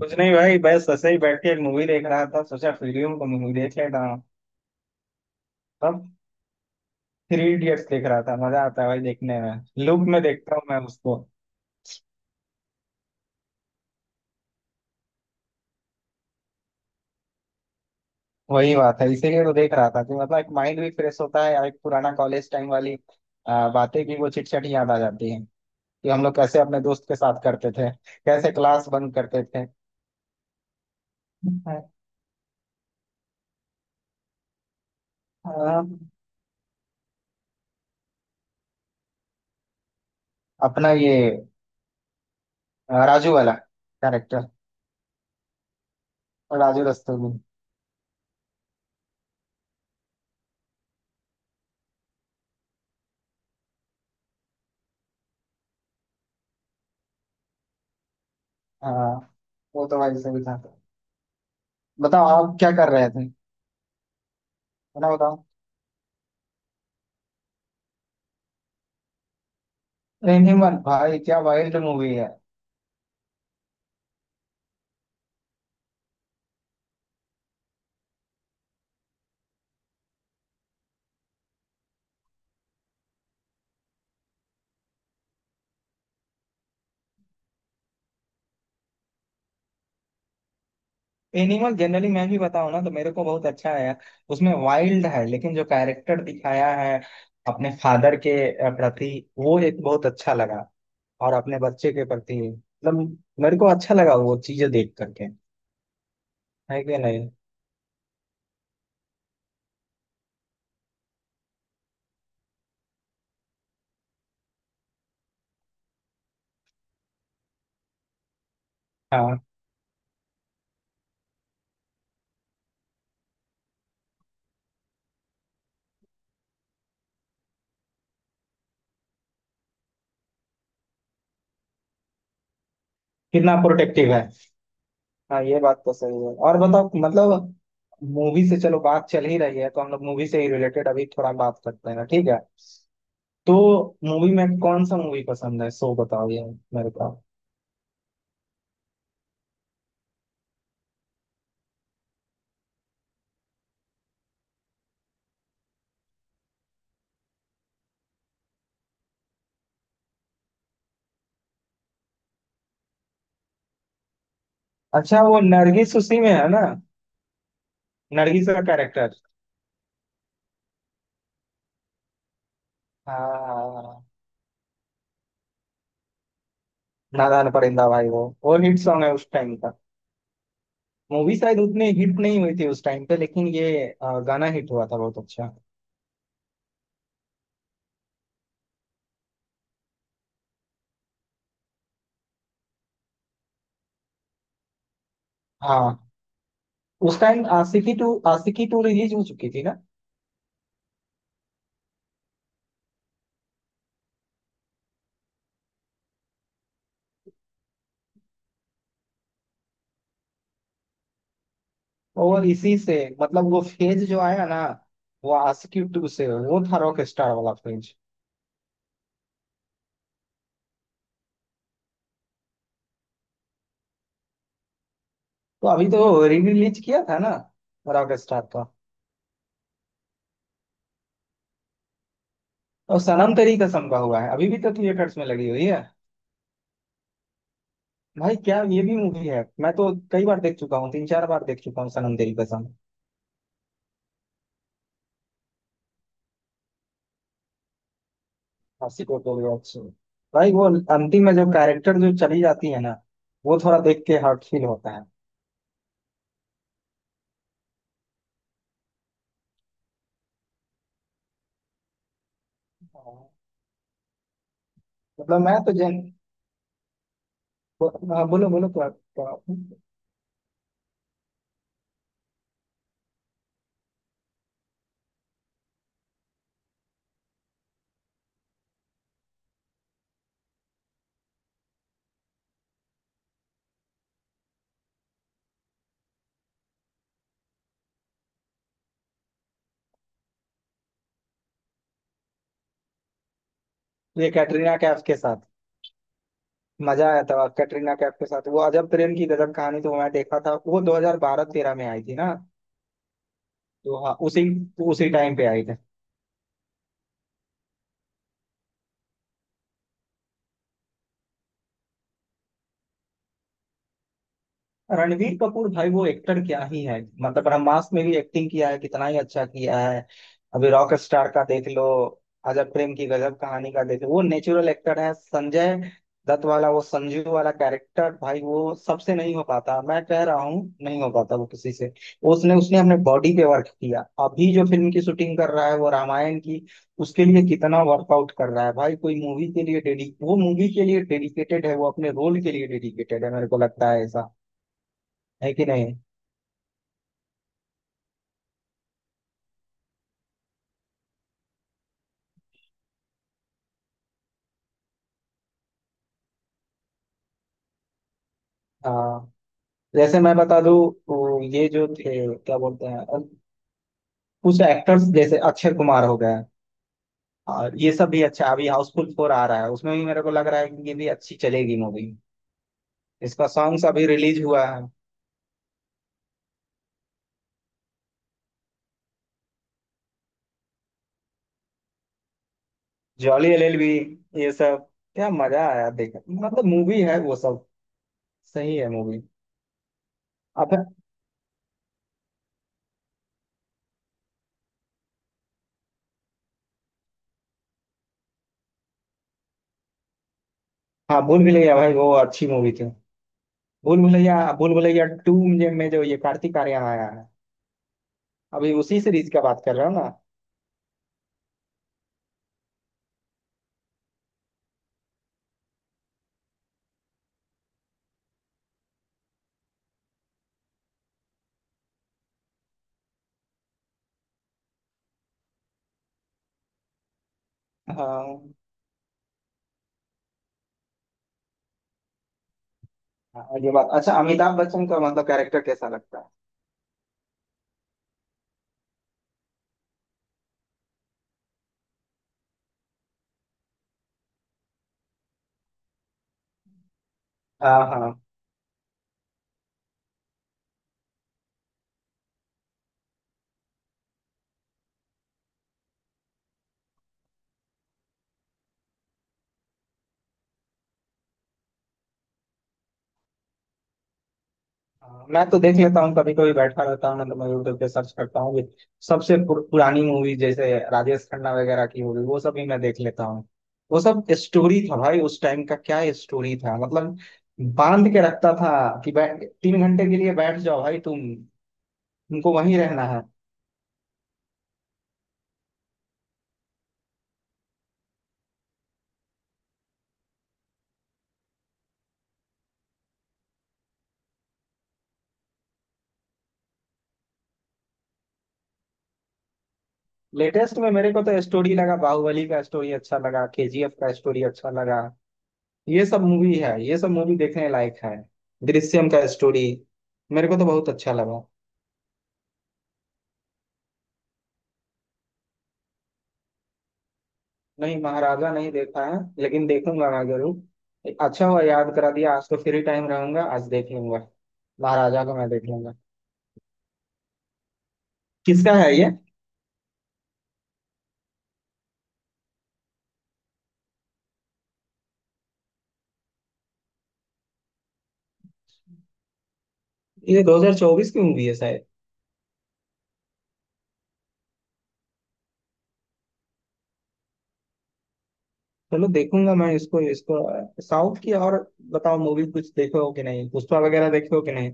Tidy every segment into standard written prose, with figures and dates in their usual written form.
कुछ नहीं भाई बस ऐसे ही बैठ के एक मूवी देख रहा था सोचा फिल्म को मूवी देख लेता हूँ। तब थ्री इडियट्स देख रहा था मजा आता है भाई देखने में। लूप में देखता हूँ मैं उसको। वही बात है इसीलिए तो देख रहा था कि मतलब एक माइंड भी फ्रेश होता है और एक पुराना कॉलेज टाइम वाली बातें भी वो चिट चट याद आ जाती हैं कि हम लोग कैसे अपने दोस्त के साथ करते थे कैसे क्लास बंक करते थे। आ, अपना ये राजू वाला कैरेक्टर। राजू रस्तोगी। हाँ वो तो भाई सही था। बताओ आप क्या कर रहे थे। मैं बताऊं। एनिमल भाई क्या वाइल्ड मूवी है। एनिमल जनरली मैं भी बताऊं ना तो मेरे को बहुत अच्छा आया। उसमें वाइल्ड है लेकिन जो कैरेक्टर दिखाया है अपने फादर के प्रति वो एक बहुत अच्छा लगा। और अपने बच्चे के प्रति मतलब मेरे को अच्छा लगा वो चीजें देख करके। है कि नहीं। हाँ कितना प्रोटेक्टिव है। हाँ ये बात तो सही है और बताओ मतलब मूवी से चलो बात चल ही रही है तो हम लोग मूवी से ही रिलेटेड अभी थोड़ा बात करते हैं ठीक है। तो मूवी में कौन सा मूवी पसंद है सो बताओ यार मेरे को। अच्छा वो नरगिस उसी में है ना। नरगिस का कैरेक्टर। हाँ। नादान परिंदा भाई वो हिट सॉन्ग है उस टाइम का। मूवी शायद उतनी हिट नहीं हुई थी उस टाइम पे लेकिन ये गाना हिट हुआ था बहुत अच्छा। हाँ उस टाइम आशिकी टू रिलीज हो चुकी थी ना। और इसी से मतलब वो फेज जो आया ना वो आशिकी टू से वो था रॉक स्टार वाला फेज। तो अभी तो री रिलीज किया था ना रॉक स्टार का। और सनम तेरी कसम का हुआ है अभी भी तो थिएटर्स में लगी हुई है। भाई क्या ये भी मूवी है मैं तो कई बार देख चुका हूँ तीन चार बार देख चुका हूँ सनम तेरी कसम। हंसी कोटोरिया से। भाई वो अंतिम में जो कैरेक्टर जो चली जाती है ना वो थोड़ा देख के हार्ट फील होता है। हाँ। मतलब मैं तो हाँ, बोलो बोलो क्या क्या-। ये कैटरीना कैफ के साथ। मजा आया था कैटरीना कैफ के साथ वो अजब प्रेम की गजब कहानी तो मैं देखा था वो 2012-13 में आई थी ना। तो हाँ उसी उसी टाइम पे आई थी। रणवीर कपूर भाई वो एक्टर क्या ही है मतलब ब्रह्मास्त्र में भी एक्टिंग किया है कितना ही अच्छा किया है। अभी रॉक स्टार का देख लो। अजब प्रेम की गजब कहानी का देख लो वो नेचुरल एक्टर है। संजय दत्त वाला वो संजू वाला कैरेक्टर भाई वो सबसे नहीं हो पाता मैं कह रहा हूँ नहीं हो पाता वो किसी से। उसने उसने अपने बॉडी पे वर्क किया। अभी जो फिल्म की शूटिंग कर रहा है वो रामायण की। उसके लिए कितना वर्कआउट कर रहा है भाई कोई मूवी के लिए डेडिक वो मूवी के लिए डेडिकेटेड है वो अपने रोल के लिए डेडिकेटेड है मेरे को लगता है ऐसा। है कि नहीं। हाँ जैसे मैं बता दूं वो ये जो थे क्या बोलते हैं कुछ एक्टर्स जैसे अक्षय कुमार हो गए और ये सब भी अच्छा अभी हाउसफुल फोर आ रहा है उसमें भी मेरे को लग रहा है कि ये भी अच्छी चलेगी मूवी। इसका सॉन्ग्स अभी रिलीज हुआ है। जॉली एलएलबी ये सब क्या मजा आया देख मतलब मूवी है वो सब सही है मूवी। अब हाँ भूल भुलैया भाई वो अच्छी मूवी थी। भूल भुलैया टू में जो ये कार्तिक आर्यन आया है अभी उसी सीरीज का बात कर रहा हूँ ना। हाँ हाँ, ये बात अच्छा अमिताभ बच्चन का मतलब कैरेक्टर कैसा लगता है। हाँ हाँ हाँ, मैं तो देख लेता हूँ कभी कभी बैठा रहता हूँ मतलब मैं यूट्यूब पे सर्च करता हूँ भी। सबसे पुरानी मूवी जैसे राजेश खन्ना वगैरह की मूवी वो सब भी मैं देख लेता हूँ। वो सब स्टोरी था भाई उस टाइम का क्या स्टोरी था मतलब बांध के रखता था कि बैठ 3 घंटे के लिए बैठ जाओ भाई तुमको वहीं रहना है। लेटेस्ट में मेरे को तो स्टोरी लगा बाहुबली का स्टोरी अच्छा लगा केजीएफ का स्टोरी अच्छा लगा। ये सब मूवी है ये सब मूवी देखने लायक है। दृश्यम का स्टोरी मेरे को तो बहुत अच्छा लगा। नहीं महाराजा नहीं देखा है लेकिन देखूंगा मैं जरूर अच्छा हुआ याद करा दिया आज तो फ्री टाइम रहूंगा आज देख लूंगा। महाराजा को मैं देख लूंगा। किसका है ये 2024 की मूवी है शायद। चलो देखूंगा मैं इसको इसको साउथ की और बताओ मूवी कुछ देखे हो कि नहीं पुष्पा वगैरह देखे हो कि नहीं।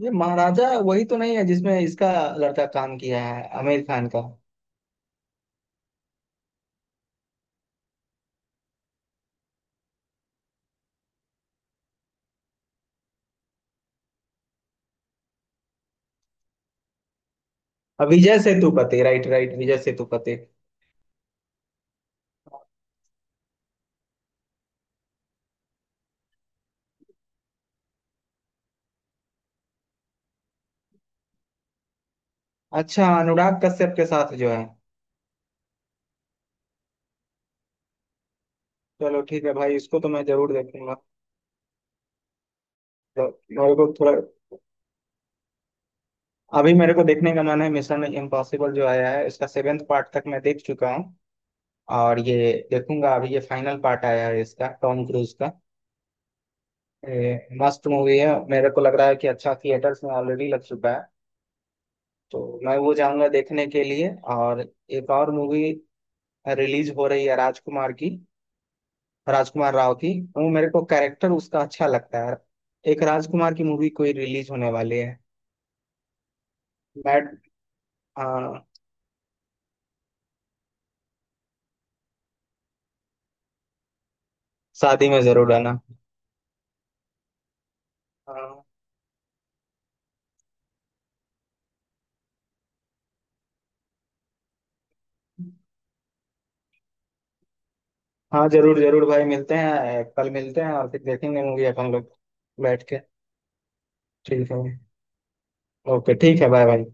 ये महाराजा वही तो नहीं है जिसमें इसका लड़का काम किया है आमिर खान का। अब विजय सेतुपति राइट राइट विजय सेतुपति। अच्छा अनुराग कश्यप के साथ जो है। चलो ठीक है भाई इसको तो मैं जरूर देखूंगा। तो मेरे को थोड़ा अभी मेरे को देखने का मन है मिशन इम्पॉसिबल जो आया है इसका सेवेंथ पार्ट तक मैं देख चुका हूँ। और ये देखूंगा अभी ये फाइनल पार्ट आया है इसका टॉम क्रूज का। ये मस्त मूवी है मेरे को लग रहा है कि अच्छा थिएटर्स में ऑलरेडी लग चुका है तो मैं वो जाऊंगा देखने के लिए। और एक और मूवी रिलीज हो रही है राजकुमार की राजकुमार राव की वो मेरे को कैरेक्टर उसका अच्छा लगता है। एक राजकुमार की मूवी कोई रिलीज होने वाली है। मैड हाँ शादी में जरूर आना। हाँ हाँ जरूर जरूर भाई मिलते हैं कल मिलते हैं और फिर देखेंगे मूवी अपन लोग बैठ के। ठीक है। ओके ठीक है बाय बाय।